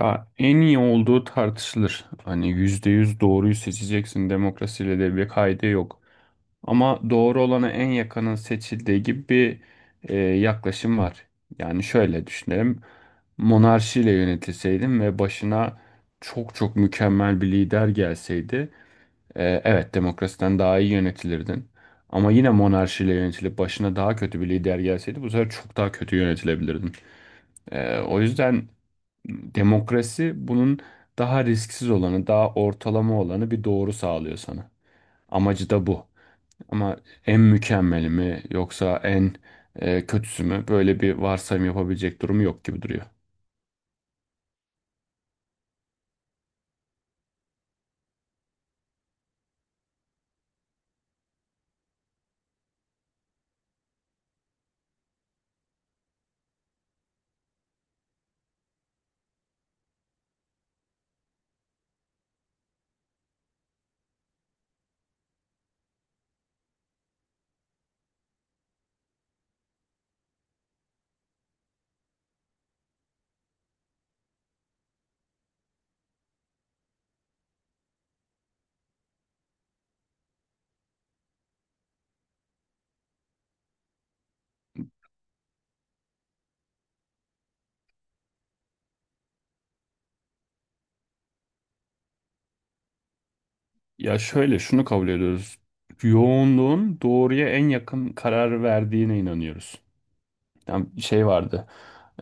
Ya en iyi olduğu tartışılır. Hani %100 doğruyu seçeceksin demokrasiyle de bir kaydı yok. Ama doğru olana en yakının seçildiği gibi bir yaklaşım var. Yani şöyle düşünelim. Monarşiyle yönetilseydim ve başına çok çok mükemmel bir lider gelseydi, evet demokrasiden daha iyi yönetilirdin. Ama yine monarşiyle yönetilip başına daha kötü bir lider gelseydi bu sefer çok daha kötü yönetilebilirdin. O yüzden demokrasi bunun daha risksiz olanı, daha ortalama olanı bir doğru sağlıyor sana. Amacı da bu. Ama en mükemmeli mi yoksa en kötüsü mü? Böyle bir varsayım yapabilecek durumu yok gibi duruyor. Ya şöyle şunu kabul ediyoruz. Yoğunluğun doğruya en yakın karar verdiğine inanıyoruz. Yani şey vardı.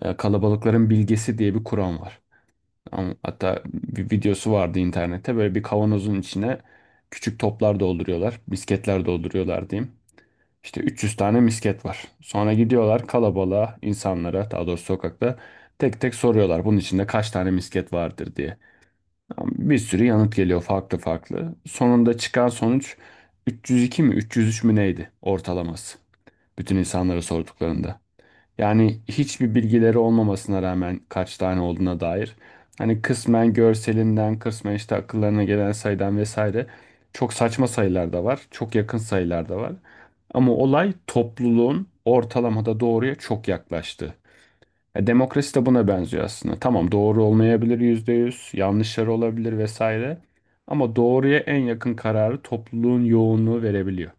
Kalabalıkların bilgesi diye bir kuram var. Ama hatta bir videosu vardı internette. Böyle bir kavanozun içine küçük toplar dolduruyorlar. Misketler dolduruyorlar diyeyim. İşte 300 tane misket var. Sonra gidiyorlar kalabalığa, insanlara, daha doğrusu sokakta tek tek soruyorlar bunun içinde kaç tane misket vardır diye. Ama bir sürü yanıt geliyor farklı farklı. Sonunda çıkan sonuç 302 mi 303 mü neydi ortalaması? Bütün insanlara sorduklarında. Yani hiçbir bilgileri olmamasına rağmen kaç tane olduğuna dair. Hani kısmen görselinden, kısmen işte akıllarına gelen sayıdan vesaire. Çok saçma sayılar da var, çok yakın sayılar da var. Ama olay topluluğun ortalamada doğruya çok yaklaştı. Ya demokrasi de buna benziyor aslında. Tamam doğru olmayabilir %100, yanlışları olabilir vesaire. Ama doğruya en yakın kararı topluluğun yoğunluğu verebiliyor.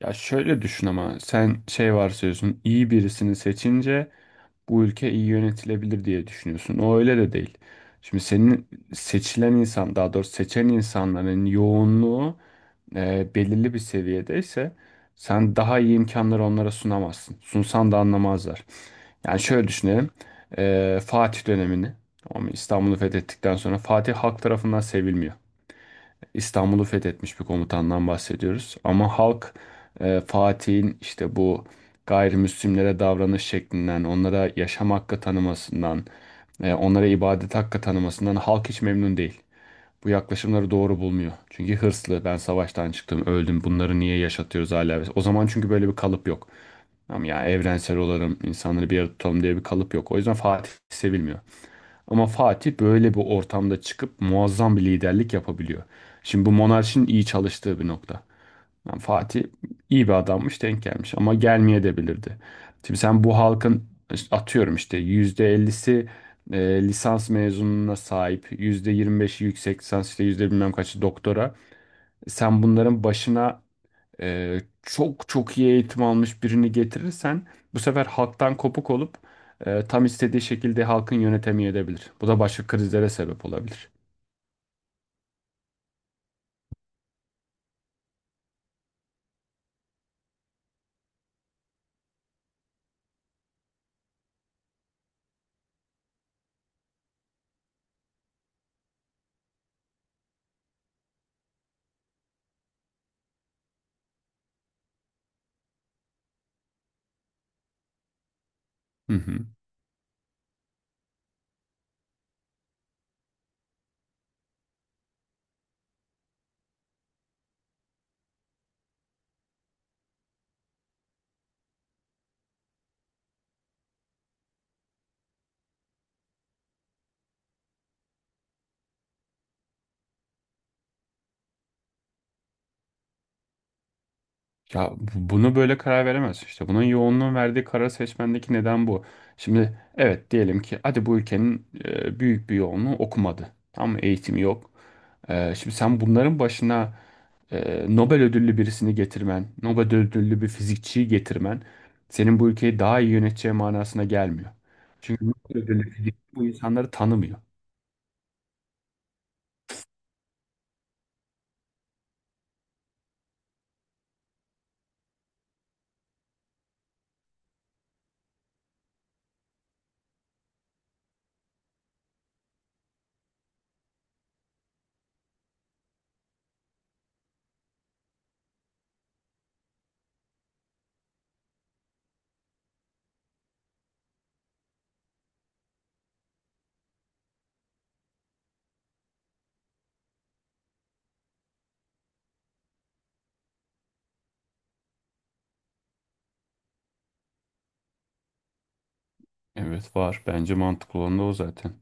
Ya şöyle düşün ama sen şey varsayıyorsun iyi birisini seçince bu ülke iyi yönetilebilir diye düşünüyorsun. O öyle de değil. Şimdi senin seçilen insan, daha doğrusu seçen insanların yoğunluğu belirli bir seviyedeyse sen daha iyi imkanları onlara sunamazsın. Sunsan da anlamazlar. Yani şöyle düşünelim. Fatih dönemini, ama İstanbul'u fethettikten sonra Fatih halk tarafından sevilmiyor. İstanbul'u fethetmiş bir komutandan bahsediyoruz. Ama halk Fatih'in işte bu gayrimüslimlere davranış şeklinden, onlara yaşam hakkı tanımasından, onlara ibadet hakkı tanımasından halk hiç memnun değil. Bu yaklaşımları doğru bulmuyor. Çünkü hırslı, ben savaştan çıktım, öldüm, bunları niye yaşatıyoruz hala? O zaman çünkü böyle bir kalıp yok. Ama ya evrensel olalım, insanları bir arada tutalım diye bir kalıp yok. O yüzden Fatih sevilmiyor. Ama Fatih böyle bir ortamda çıkıp muazzam bir liderlik yapabiliyor. Şimdi bu monarşinin iyi çalıştığı bir nokta. Yani Fatih iyi bir adammış denk gelmiş ama gelmeye de bilirdi. Şimdi sen bu halkın işte atıyorum işte %50'si lisans mezununa sahip, %25'i yüksek lisans işte yüzde bilmem kaçı doktora. Sen bunların başına çok çok iyi eğitim almış birini getirirsen bu sefer halktan kopuk olup tam istediği şekilde halkın yönetemiyor edebilir. Bu da başka krizlere sebep olabilir. Hı hı. Bunu böyle karar veremez işte. Bunun yoğunluğun verdiği karar seçmendeki neden bu. Şimdi evet diyelim ki hadi bu ülkenin büyük bir yoğunluğu okumadı. Tam eğitim yok. Şimdi sen bunların başına Nobel ödüllü birisini getirmen, Nobel ödüllü bir fizikçiyi getirmen senin bu ülkeyi daha iyi yöneteceği manasına gelmiyor. Çünkü Nobel ödüllü fizikçi bu insanları tanımıyor. Evet var. Bence mantıklı olan da o zaten.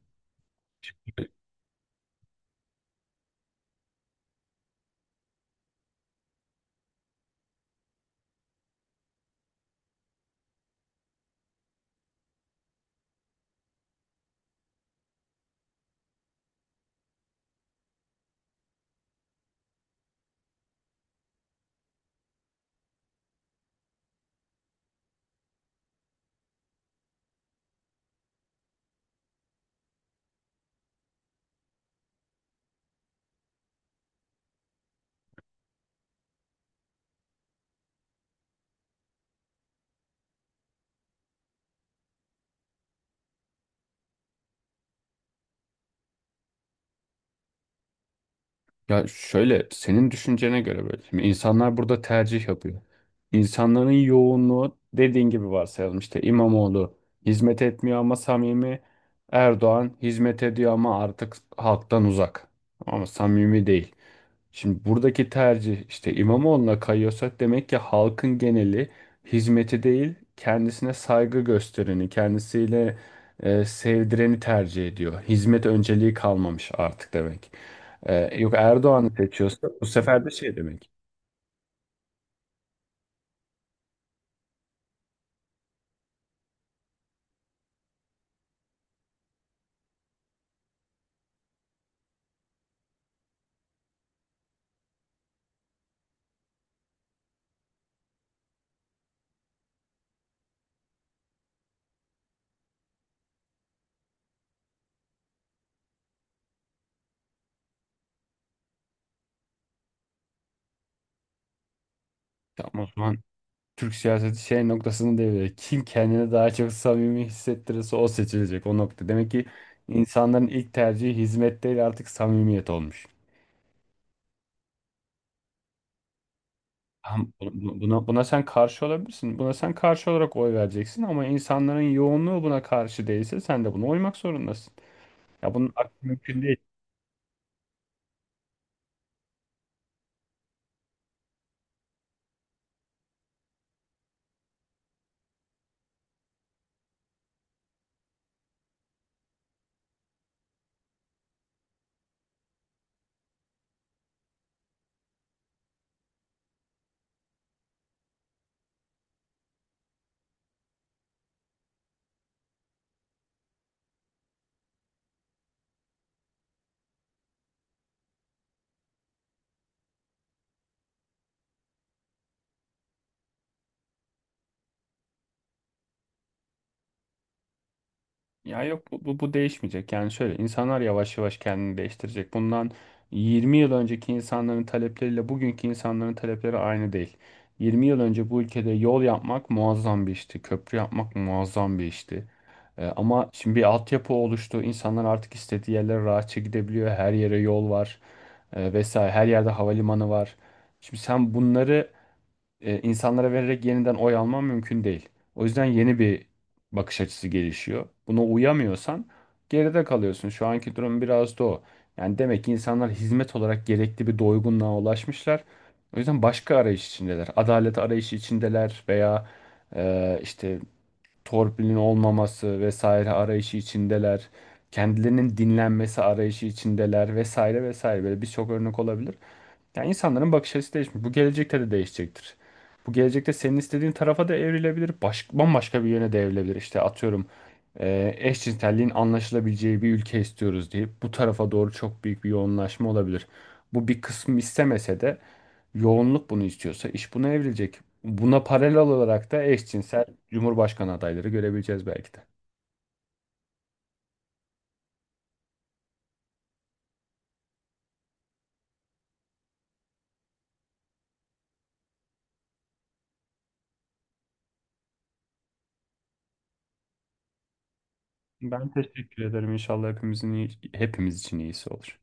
Ya şöyle senin düşüncene göre böyle. Şimdi insanlar burada tercih yapıyor. İnsanların yoğunluğu dediğin gibi varsayalım işte İmamoğlu hizmet etmiyor ama samimi. Erdoğan hizmet ediyor ama artık halktan uzak. Ama samimi değil. Şimdi buradaki tercih işte İmamoğlu'na kayıyorsa demek ki halkın geneli hizmeti değil kendisine saygı göstereni, kendisiyle sevdireni tercih ediyor. Hizmet önceliği kalmamış artık demek. Yok Erdoğan'ı seçiyorsa bu sefer de şey demek. Tamam o zaman Türk siyaseti şey noktasını devreye. Kim kendini daha çok samimi hissettirirse o seçilecek o nokta. Demek ki insanların ilk tercihi hizmet değil artık samimiyet olmuş. Ama bu- Buna, buna sen karşı olabilirsin. Buna sen karşı olarak oy vereceksin ama insanların yoğunluğu buna karşı değilse sen de buna uymak zorundasın. Ya bunun aksi mümkün. Ya yok bu değişmeyecek. Yani şöyle insanlar yavaş yavaş kendini değiştirecek. Bundan 20 yıl önceki insanların talepleriyle bugünkü insanların talepleri aynı değil. 20 yıl önce bu ülkede yol yapmak muazzam bir işti. Köprü yapmak muazzam bir işti. Ama şimdi bir altyapı oluştu. İnsanlar artık istediği yerlere rahatça gidebiliyor. Her yere yol var. Vesaire. Her yerde havalimanı var. Şimdi sen bunları insanlara vererek yeniden oy alman mümkün değil. O yüzden yeni bir bakış açısı gelişiyor. Buna uyamıyorsan geride kalıyorsun. Şu anki durum biraz da o. Yani demek ki insanlar hizmet olarak gerekli bir doygunluğa ulaşmışlar. O yüzden başka arayış içindeler. Adalet arayışı içindeler veya işte torpilin olmaması vesaire arayışı içindeler. Kendilerinin dinlenmesi arayışı içindeler vesaire vesaire böyle birçok örnek olabilir. Yani insanların bakış açısı değişmiş. Bu gelecekte de değişecektir. Bu gelecekte senin istediğin tarafa da evrilebilir. Baş, bambaşka bir yöne de evrilebilir. İşte atıyorum eşcinselliğin anlaşılabileceği bir ülke istiyoruz deyip bu tarafa doğru çok büyük bir yoğunlaşma olabilir. Bu bir kısmı istemese de yoğunluk bunu istiyorsa iş buna evrilecek. Buna paralel olarak da eşcinsel cumhurbaşkanı adayları görebileceğiz belki de. Ben teşekkür ederim. İnşallah hepimizin iyi- hepimiz için iyisi olur.